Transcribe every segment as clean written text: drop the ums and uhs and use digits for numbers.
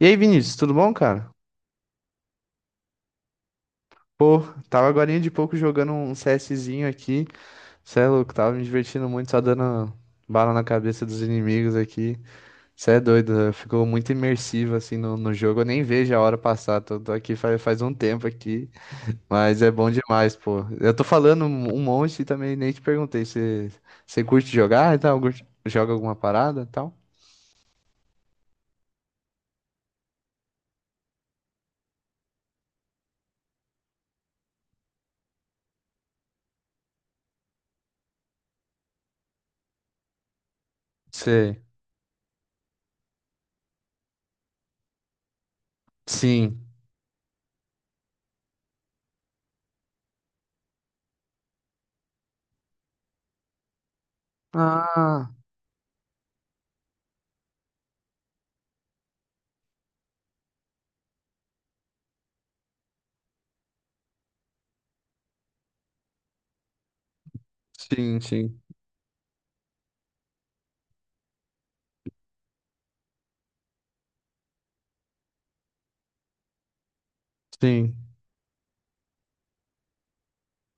E aí, Vinícius, tudo bom, cara? Pô, tava agorinha de pouco jogando um CSzinho aqui. Cê é louco, tava me divertindo muito, só dando bala na cabeça dos inimigos aqui. Cê é doido, ficou muito imersivo assim no jogo. Eu nem vejo a hora passar, tô aqui faz um tempo aqui, mas é bom demais, pô. Eu tô falando um monte e também nem te perguntei se você curte jogar e tal, joga alguma parada e tal? Sei. Sim. Ah, sim, sim, sim.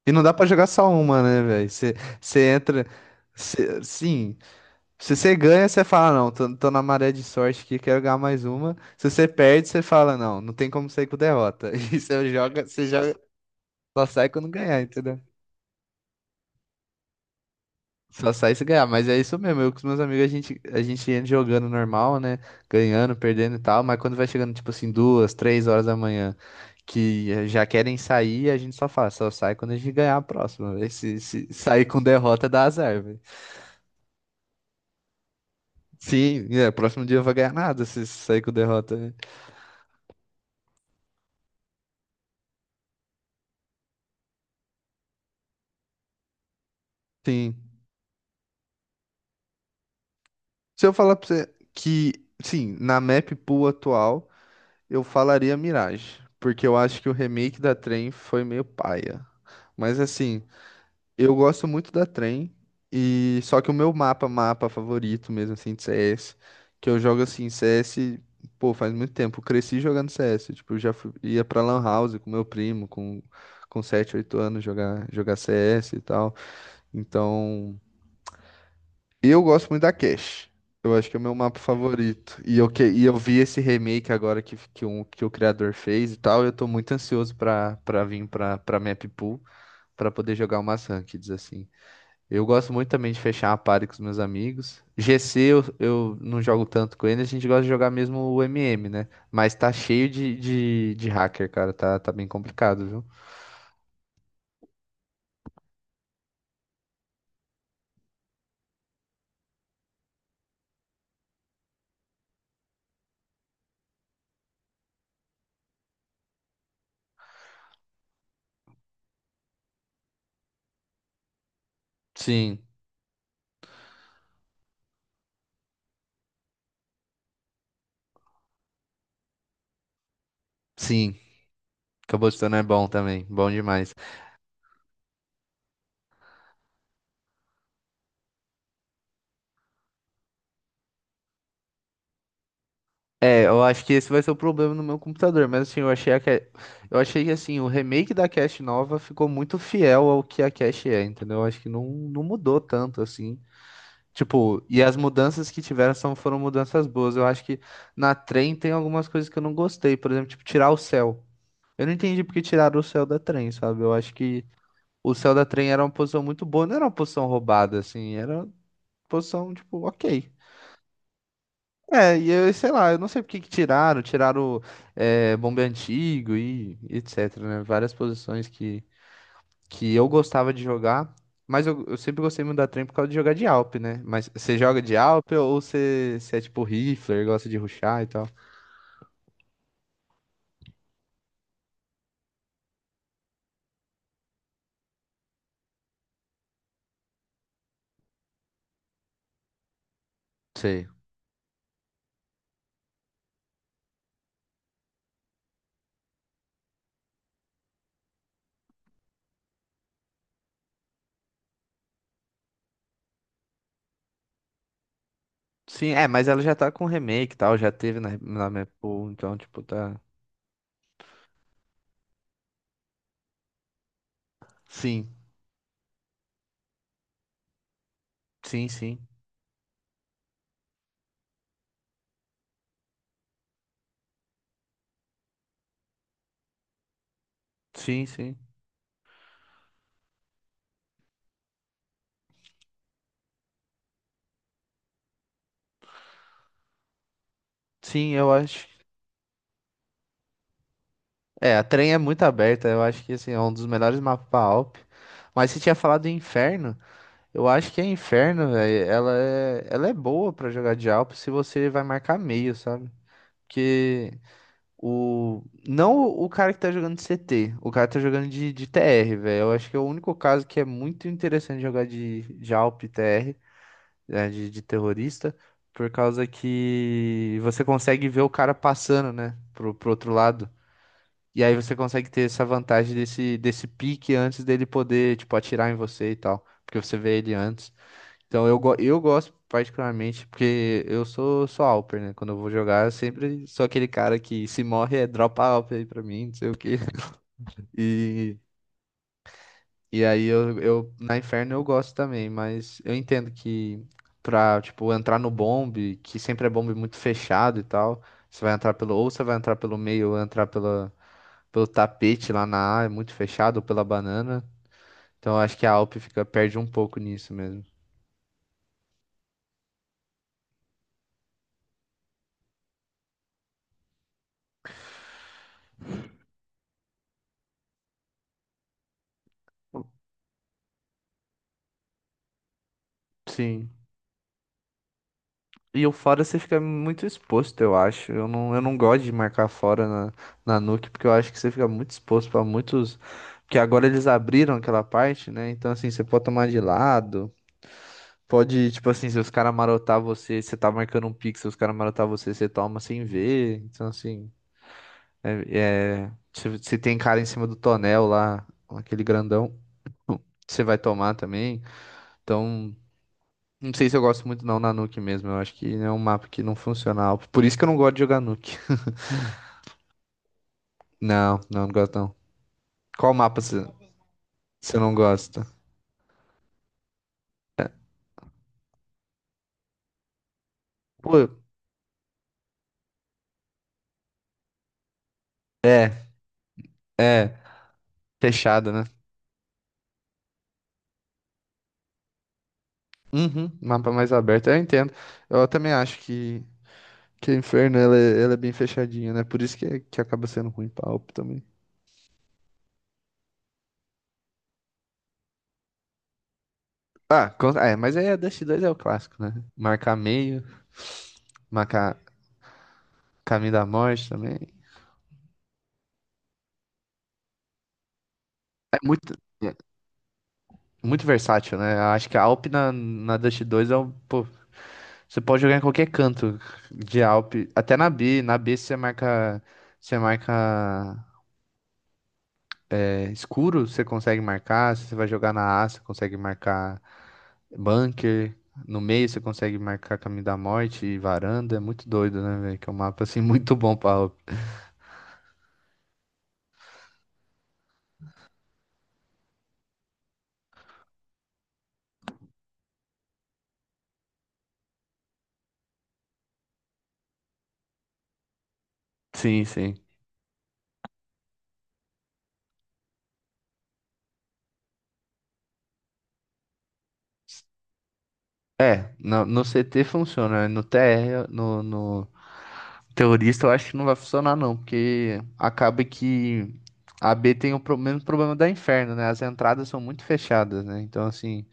E não dá pra jogar só uma, né, velho? Você entra. Sim. Se você ganha, você fala, não, tô na maré de sorte aqui, quero ganhar mais uma. Se você perde, você fala, não, não tem como sair com derrota. E você joga, só sai quando ganhar, entendeu? Só sai se ganhar, mas é isso mesmo. Eu com os meus amigos, a gente entra jogando normal, né? Ganhando, perdendo e tal, mas quando vai chegando, tipo assim, 2, 3 horas da manhã, que já querem sair, a gente só fala, só sai quando a gente ganhar a próxima, véi. Se sair com derrota, dá azar, velho. Sim, é, próximo dia vai ganhar nada se sair com derrota, né? Sim. Se eu falar pra você que, sim, na map pool atual, eu falaria Mirage, porque eu acho que o remake da Trem foi meio paia. Mas assim, eu gosto muito da Trem e só que o meu mapa favorito mesmo assim de CS, que eu jogo assim CS, pô, faz muito tempo, eu cresci jogando CS, tipo, ia pra LAN house com meu primo, com 7 8 anos jogar CS e tal. Então, eu gosto muito da Cash. Eu acho que é o meu mapa favorito. E eu vi esse remake agora que o criador fez e tal. Eu tô muito ansioso pra vir pra Map Pool pra poder jogar umas rankeds assim. Eu gosto muito também de fechar a party com os meus amigos. GC eu não jogo tanto com ele, a gente gosta de jogar mesmo o MM, né? Mas tá cheio de hacker, cara. Tá bem complicado, viu? Sim, sim. Cabotão é bom também. Bom demais. É, eu acho que esse vai ser o problema no meu computador, mas assim, eu achei que assim, o remake da cache nova ficou muito fiel ao que a cache é, entendeu? Eu acho que não, não mudou tanto assim. Tipo, e as mudanças que tiveram são, foram mudanças boas. Eu acho que na Trem tem algumas coisas que eu não gostei, por exemplo, tipo, tirar o céu. Eu não entendi porque tiraram o céu da Trem, sabe? Eu acho que o céu da Trem era uma posição muito boa, não era uma posição roubada assim, era uma posição tipo, OK. É, e eu sei lá, eu não sei por que que tiraram bombe antigo e etc, né? Várias posições que eu gostava de jogar, mas eu sempre gostei muito da trem por causa de jogar de Alp, né? Mas você joga de Alp ou você é tipo rifler, gosta de rushar e tal? Sei. Sim, é, mas ela já tá com remake e tal, já teve na minha pool, então tipo tá... Sim, sim, sim, sim, sim. Sim, eu acho. É, a Trem é muito aberta, eu acho que assim, é um dos melhores mapas pra Alp. Mas você tinha falado em Inferno, eu acho que a Inferno, velho, ela é boa pra jogar de Alp se você vai marcar meio, sabe? Porque o. Não o cara que tá jogando de CT, o cara que tá jogando de TR, velho. Eu acho que é o único caso que é muito interessante jogar de Alp TR, né, de terrorista, por causa que você consegue ver o cara passando, né, pro outro lado. E aí você consegue ter essa vantagem desse pique antes dele poder, tipo, atirar em você e tal. Porque você vê ele antes. Então eu gosto particularmente, porque eu sou Alper, né? Quando eu vou jogar, eu sempre sou aquele cara que se morre é dropa Alper aí pra mim, não sei o quê. E, e aí na Inferno eu gosto também, mas eu entendo que pra, tipo, entrar no bombe, que sempre é bombe muito fechado e tal, você vai entrar pelo, ou você vai entrar pelo meio, ou entrar pela pelo tapete lá na A, é muito fechado, ou pela banana. Então eu acho que a Alp fica, perde um pouco nisso mesmo. Sim. E o fora você fica muito exposto, eu acho. Eu não gosto de marcar fora na Nuke, porque eu acho que você fica muito exposto para muitos. Porque agora eles abriram aquela parte, né? Então, assim, você pode tomar de lado. Pode, tipo assim, se os caras marotar você, você tá marcando um pixel, os caras marotar você, você toma sem ver. Então, assim, é, se tem cara em cima do tonel lá, aquele grandão, você vai tomar também. Então, não sei se eu gosto muito não na Nuke mesmo. Eu acho que é um mapa que não funciona. Por isso que eu não gosto de jogar Nuke. Não, não, não gosto não. Qual mapa você não gosta? Pô, é, é, fechado, né? Uhum, mapa mais aberto, eu entendo. Eu também acho que o Inferno ela é bem fechadinha, né? Por isso que acaba sendo ruim pra AWP também. Ah, é, mas aí a Dust 2 é o clássico, né? Marcar meio, marcar caminho da morte também. É muito. é, Muito versátil, né? Eu acho que a Alp na Dust 2 é um. Pô, você pode jogar em qualquer canto de Alp. Até na B. Na B você marca. Você marca escuro, você consegue marcar. Se você vai jogar na A, você consegue marcar bunker. No meio você consegue marcar caminho da morte e varanda. É muito doido, né, velho? Que é um mapa assim muito bom pra Alp. Sim, sim. É, no CT funciona, né? No TR, no, no, terrorista eu acho que não vai funcionar não, porque acaba que a B tem o mesmo problema da Inferno, né? As entradas são muito fechadas, né? Então, assim,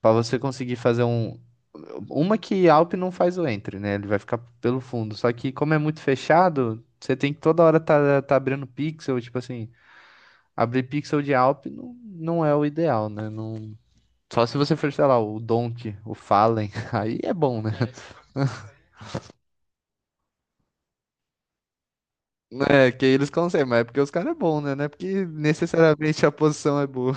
pra você conseguir fazer um... Uma que Alp não faz o entre, né? Ele vai ficar pelo fundo. Só que como é muito fechado, você tem que toda hora tá abrindo pixel, tipo assim, abrir pixel de Alp não, não é o ideal, né? Não... Só se você for, sei lá, o Donk, o Fallen, aí é bom, né? É, que eles conseguem, mas é porque os caras é bom, né? Não é porque necessariamente a posição é boa.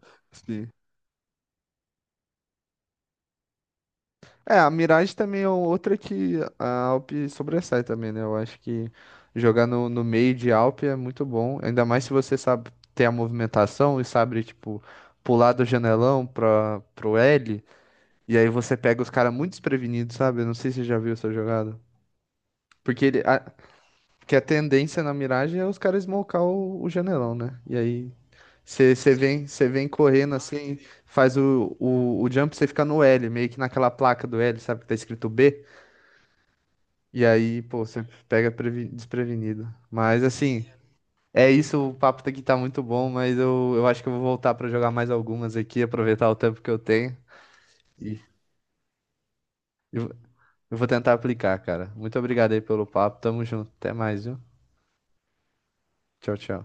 Assim. É, a Mirage também é outra que a Alp sobressai também, né? Eu acho que jogar no meio de Alp é muito bom, ainda mais se você sabe ter a movimentação e sabe, tipo, pular do janelão pra, pro L, e aí você pega os caras muito desprevenidos, sabe? Eu não sei se você já viu essa jogada. Porque ele, a, que a tendência na Mirage é os caras smocar o janelão, né? E aí você vem, correndo assim, faz o jump, você fica no L, meio que naquela placa do L, sabe, que tá escrito B. E aí, pô, você pega desprevenido. Mas assim, é isso, o papo aqui tá muito bom, mas eu acho que eu vou voltar pra jogar mais algumas aqui, aproveitar o tempo que eu tenho. E eu, eu vou tentar aplicar, cara. Muito obrigado aí pelo papo, tamo junto. Até mais, viu? Tchau, tchau.